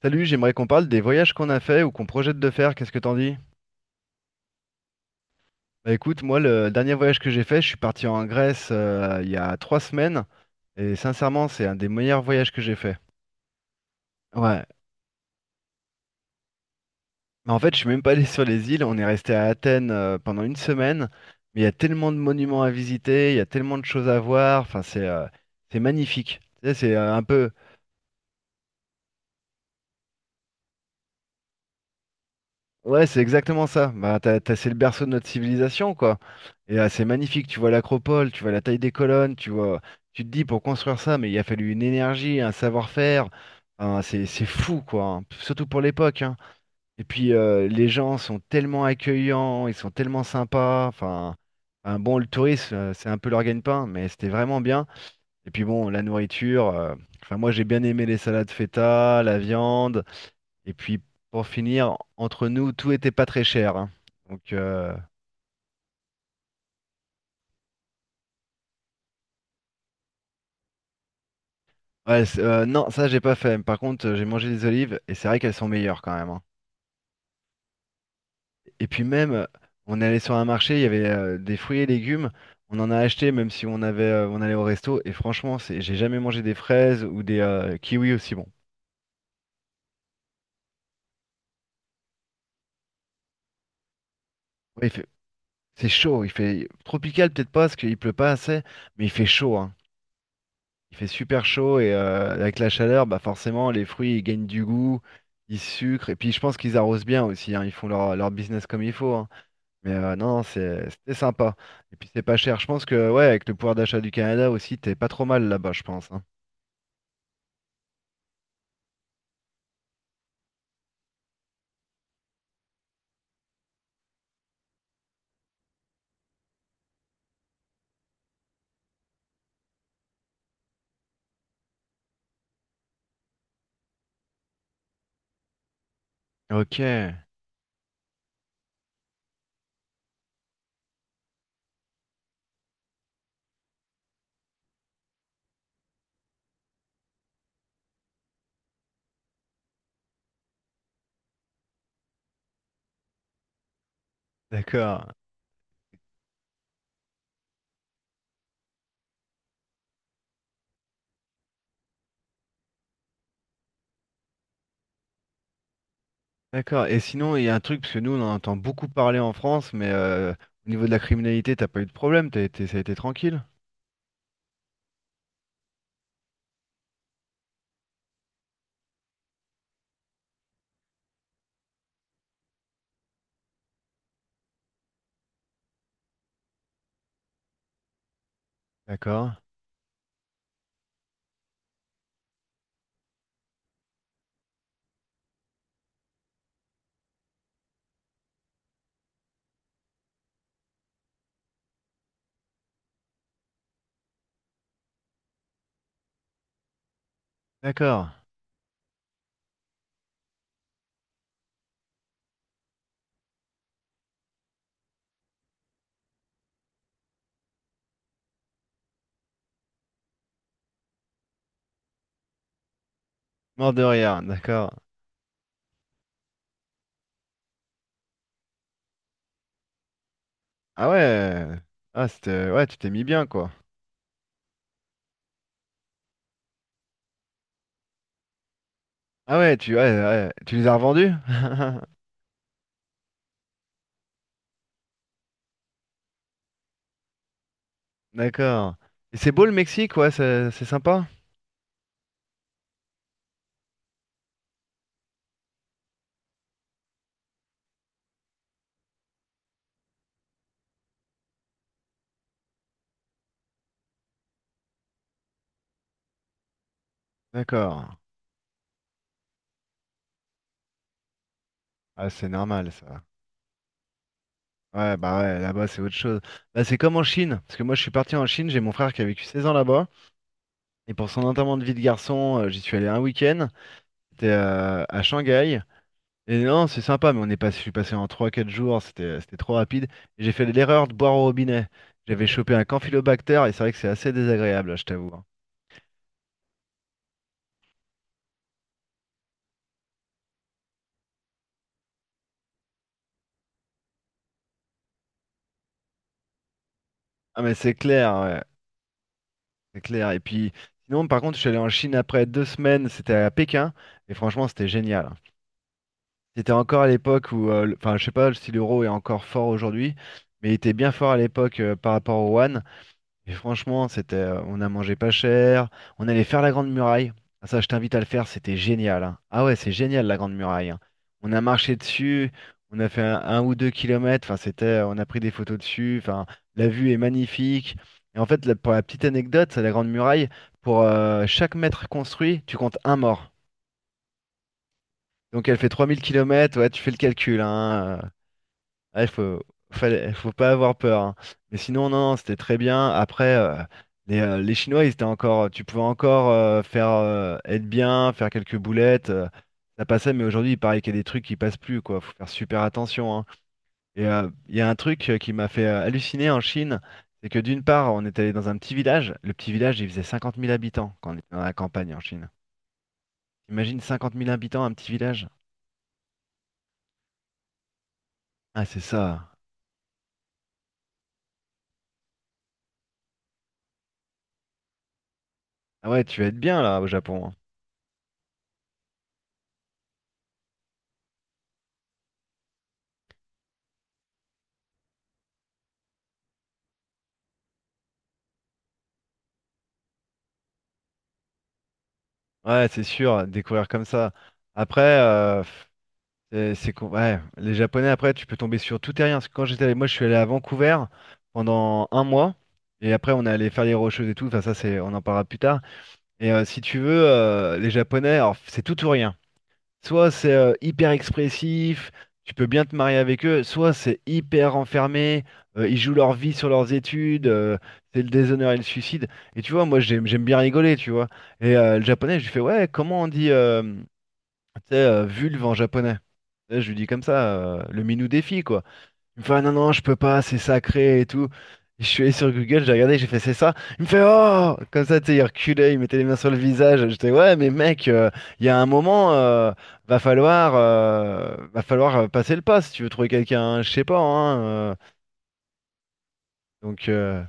Salut, j'aimerais qu'on parle des voyages qu'on a fait ou qu'on projette de faire. Qu'est-ce que t'en dis? Bah écoute, moi, le dernier voyage que j'ai fait, je suis parti en Grèce il y a 3 semaines. Et sincèrement, c'est un des meilleurs voyages que j'ai fait. Ouais. Mais en fait, je suis même pas allé sur les îles. On est resté à Athènes pendant une semaine. Mais il y a tellement de monuments à visiter, il y a tellement de choses à voir. Enfin, c'est magnifique. Tu sais, c'est un peu. Ouais, c'est exactement ça. Bah, c'est le berceau de notre civilisation, quoi. Et c'est magnifique. Tu vois l'acropole, tu vois la taille des colonnes, tu vois. Tu te dis pour construire ça, mais il a fallu une énergie, un savoir-faire. Enfin, c'est fou, quoi, hein. Surtout pour l'époque, hein. Et puis les gens sont tellement accueillants, ils sont tellement sympas. Enfin, un bon, le tourisme, c'est un peu leur gagne-pain, mais c'était vraiment bien. Et puis bon, la nourriture. Enfin, moi, j'ai bien aimé les salades feta, la viande. Et puis pour finir, entre nous, tout était pas très cher, hein. Donc ouais, non, ça j'ai pas fait. Par contre, j'ai mangé des olives et c'est vrai qu'elles sont meilleures quand même, hein. Et puis même, on est allé sur un marché, il y avait des fruits et légumes. On en a acheté même si on allait au resto. Et franchement, j'ai jamais mangé des fraises ou des kiwis aussi bon. Ouais, c'est chaud, il fait tropical peut-être pas parce qu'il pleut pas assez, mais il fait chaud, hein. Il fait super chaud et avec la chaleur, bah forcément, les fruits, ils gagnent du goût, ils sucrent. Et puis, je pense qu'ils arrosent bien aussi, hein. Ils font leur business comme il faut, hein. Mais non, c'était sympa. Et puis, c'est pas cher. Je pense que, ouais, avec le pouvoir d'achat du Canada aussi, t'es pas trop mal là-bas, je pense, hein. OK, d'accord. D'accord. Et sinon, il y a un truc, parce que nous, on en entend beaucoup parler en France, mais au niveau de la criminalité, t'as pas eu de problème. Ça a été tranquille. D'accord. D'accord. Mort de rire. D'accord. Ah ouais. Ah, c'était. Ouais, tu t'es mis bien, quoi. Ah ouais, ouais, ouais. Tu les as revendus? D'accord. Et c'est beau le Mexique, ouais, c'est sympa? D'accord. Ah, c'est normal, ça. Ouais, bah ouais, là-bas, c'est autre chose. Bah, c'est comme en Chine, parce que moi, je suis parti en Chine, j'ai mon frère qui a vécu 16 ans là-bas, et pour son enterrement de vie de garçon, j'y suis allé un week-end, c'était à Shanghai. Et non, c'est sympa, mais on est pas, je suis passé en trois quatre jours, c'était trop rapide. Et j'ai fait l'erreur de boire au robinet. J'avais chopé un campylobacter et c'est vrai que c'est assez désagréable, hein, je t'avoue, hein. Ah mais c'est clair, ouais, c'est clair. Et puis, sinon, par contre, je suis allé en Chine après 2 semaines, c'était à Pékin, et franchement, c'était génial, hein. C'était encore à l'époque où, enfin, je sais pas si l'euro est encore fort aujourd'hui, mais il était bien fort à l'époque par rapport au yuan. Et franchement, on a mangé pas cher, on allait faire la Grande Muraille. Ah, ça, je t'invite à le faire, c'était génial, hein. Ah ouais, c'est génial la Grande Muraille, hein. On a marché dessus, on a fait un ou deux kilomètres. Enfin, on a pris des photos dessus. Enfin, la vue est magnifique. Et en fait, pour la petite anecdote, c'est la Grande Muraille. Pour chaque mètre construit, tu comptes un mort. Donc elle fait 3 000 kilomètres. Ouais, tu fais le calcul, hein. Ah, faut pas avoir peur, hein. Mais sinon, non, non, c'était très bien. Après, les Chinois, ils étaient encore, tu pouvais encore faire être bien, faire quelques boulettes. Ça passait, mais aujourd'hui, il paraît qu'il y a des trucs qui passent plus, quoi. Faut faire super attention, hein. Et il y a un truc qui m'a fait halluciner en Chine, c'est que d'une part, on est allé dans un petit village. Le petit village, il faisait 50 000 habitants quand on était dans la campagne en Chine. Imagine 50 000 habitants, un petit village. Ah, c'est ça. Ah ouais, tu vas être bien là au Japon, hein. Ouais, c'est sûr, découvrir comme ça. Après, ouais, les Japonais, après, tu peux tomber sur tout et rien. Parce que quand j'étais allé, moi, je suis allé à Vancouver pendant un mois. Et après, on est allé faire les Rocheuses et tout. Enfin, ça, c'est, on en parlera plus tard. Et si tu veux, les Japonais, alors, c'est tout ou rien. Soit c'est hyper expressif, tu peux bien te marier avec eux, soit c'est hyper enfermé, ils jouent leur vie sur leurs études, c'est le déshonneur et le suicide. Et tu vois, moi j'aime bien rigoler, tu vois. Et le japonais, je lui fais, ouais, comment on dit tu sais, vulve en japonais? Et je lui dis comme ça, le minou défi, quoi. Il me fait, ah non, non, je peux pas, c'est sacré et tout. Je suis allé sur Google, j'ai regardé, j'ai fait, c'est ça. Il me fait, oh! Comme ça, tu sais, il reculait, il mettait les mains sur le visage. J'étais, ouais, mais mec, il y a un moment, va falloir passer le pas si tu veux trouver quelqu'un, hein, je sais pas, hein. euh. Donc,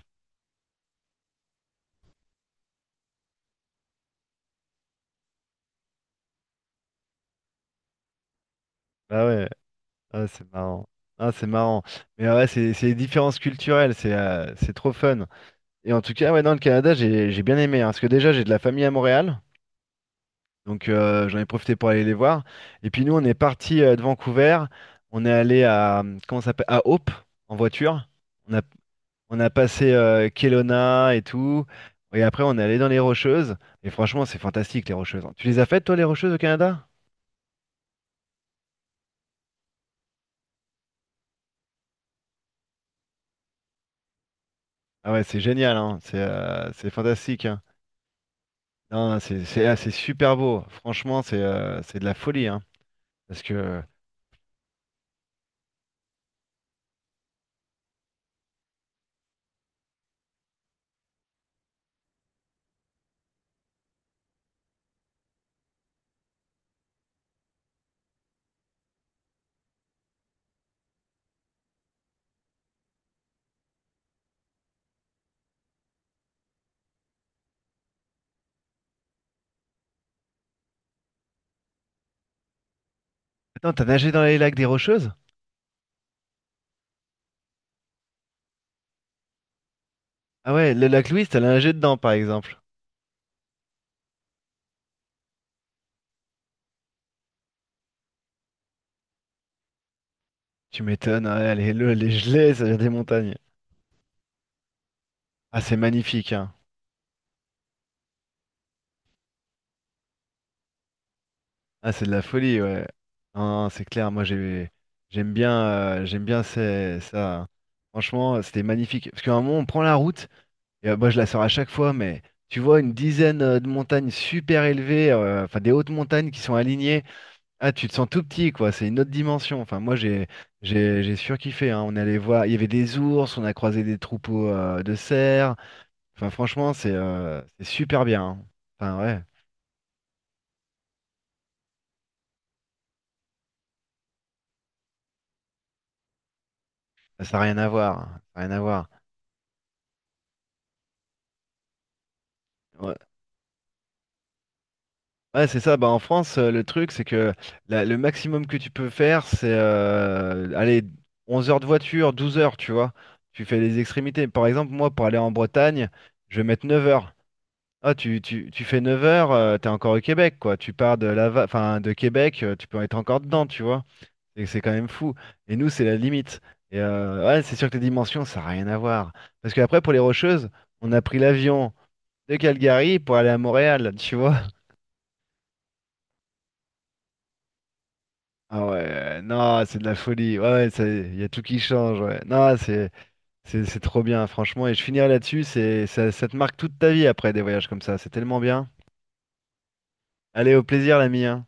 bah ouais, ah, c'est marrant. Ah, c'est marrant. Mais ouais, c'est les différences culturelles, c'est trop fun. Et en tout cas, ouais, dans le Canada, j'ai bien aimé, hein, parce que déjà, j'ai de la famille à Montréal. Donc j'en ai profité pour aller les voir. Et puis nous, on est parti de Vancouver. On est allé à, comment ça s'appelle, à Hope en voiture. On a, on a passé Kelowna et tout. Et après, on est allé dans les Rocheuses. Et franchement, c'est fantastique les Rocheuses, hein. Tu les as faites, toi, les Rocheuses au Canada? Ah ouais, c'est génial, hein. C'est fantastique, hein. Non, ah, c'est super beau. Franchement, c'est de la folie, hein. Parce que. Attends, t'as nagé dans les lacs des Rocheuses? Ah ouais, le lac Louise, t'as nagé dedans, par exemple. Tu m'étonnes, ouais, les gelées, ça vient des montagnes. Ah, c'est magnifique, hein. Ah, c'est de la folie, ouais. Non, non, c'est clair, moi j'aime bien ça, hein. Franchement, c'était magnifique. Parce qu'à un moment, on prend la route, et moi je la sors à chaque fois, mais tu vois une dizaine de montagnes super élevées, enfin des hautes montagnes qui sont alignées. Ah, tu te sens tout petit, quoi. C'est une autre dimension. Enfin, moi j'ai surkiffé, hein. On allait voir, il y avait des ours, on a croisé des troupeaux de cerfs. Enfin, franchement, c'est super bien, hein. Enfin, ouais, ça n'a rien à voir, hein. Ça n'a rien à voir. Ouais, ouais, c'est ça. Bah, en France, le truc, c'est que le maximum que tu peux faire, c'est allez, 11 heures de voiture, 12 heures, tu vois. Tu fais les extrémités. Par exemple, moi, pour aller en Bretagne, je vais mettre 9 heures. Ah, tu fais 9 heures, t'es encore au Québec, quoi. Tu pars de enfin, de Québec, tu peux être encore dedans, tu vois. C'est quand même fou. Et nous, c'est la limite. Et ouais, c'est sûr que les dimensions, ça n'a rien à voir. Parce qu'après, pour les Rocheuses, on a pris l'avion de Calgary pour aller à Montréal, tu vois. Ah ouais, non, c'est de la folie. Ouais, ouais, il y a tout qui change. Ouais. Non, c'est trop bien, franchement. Et je finirai là-dessus, c'est ça, ça te marque toute ta vie après des voyages comme ça. C'est tellement bien. Allez, au plaisir, l'ami, hein.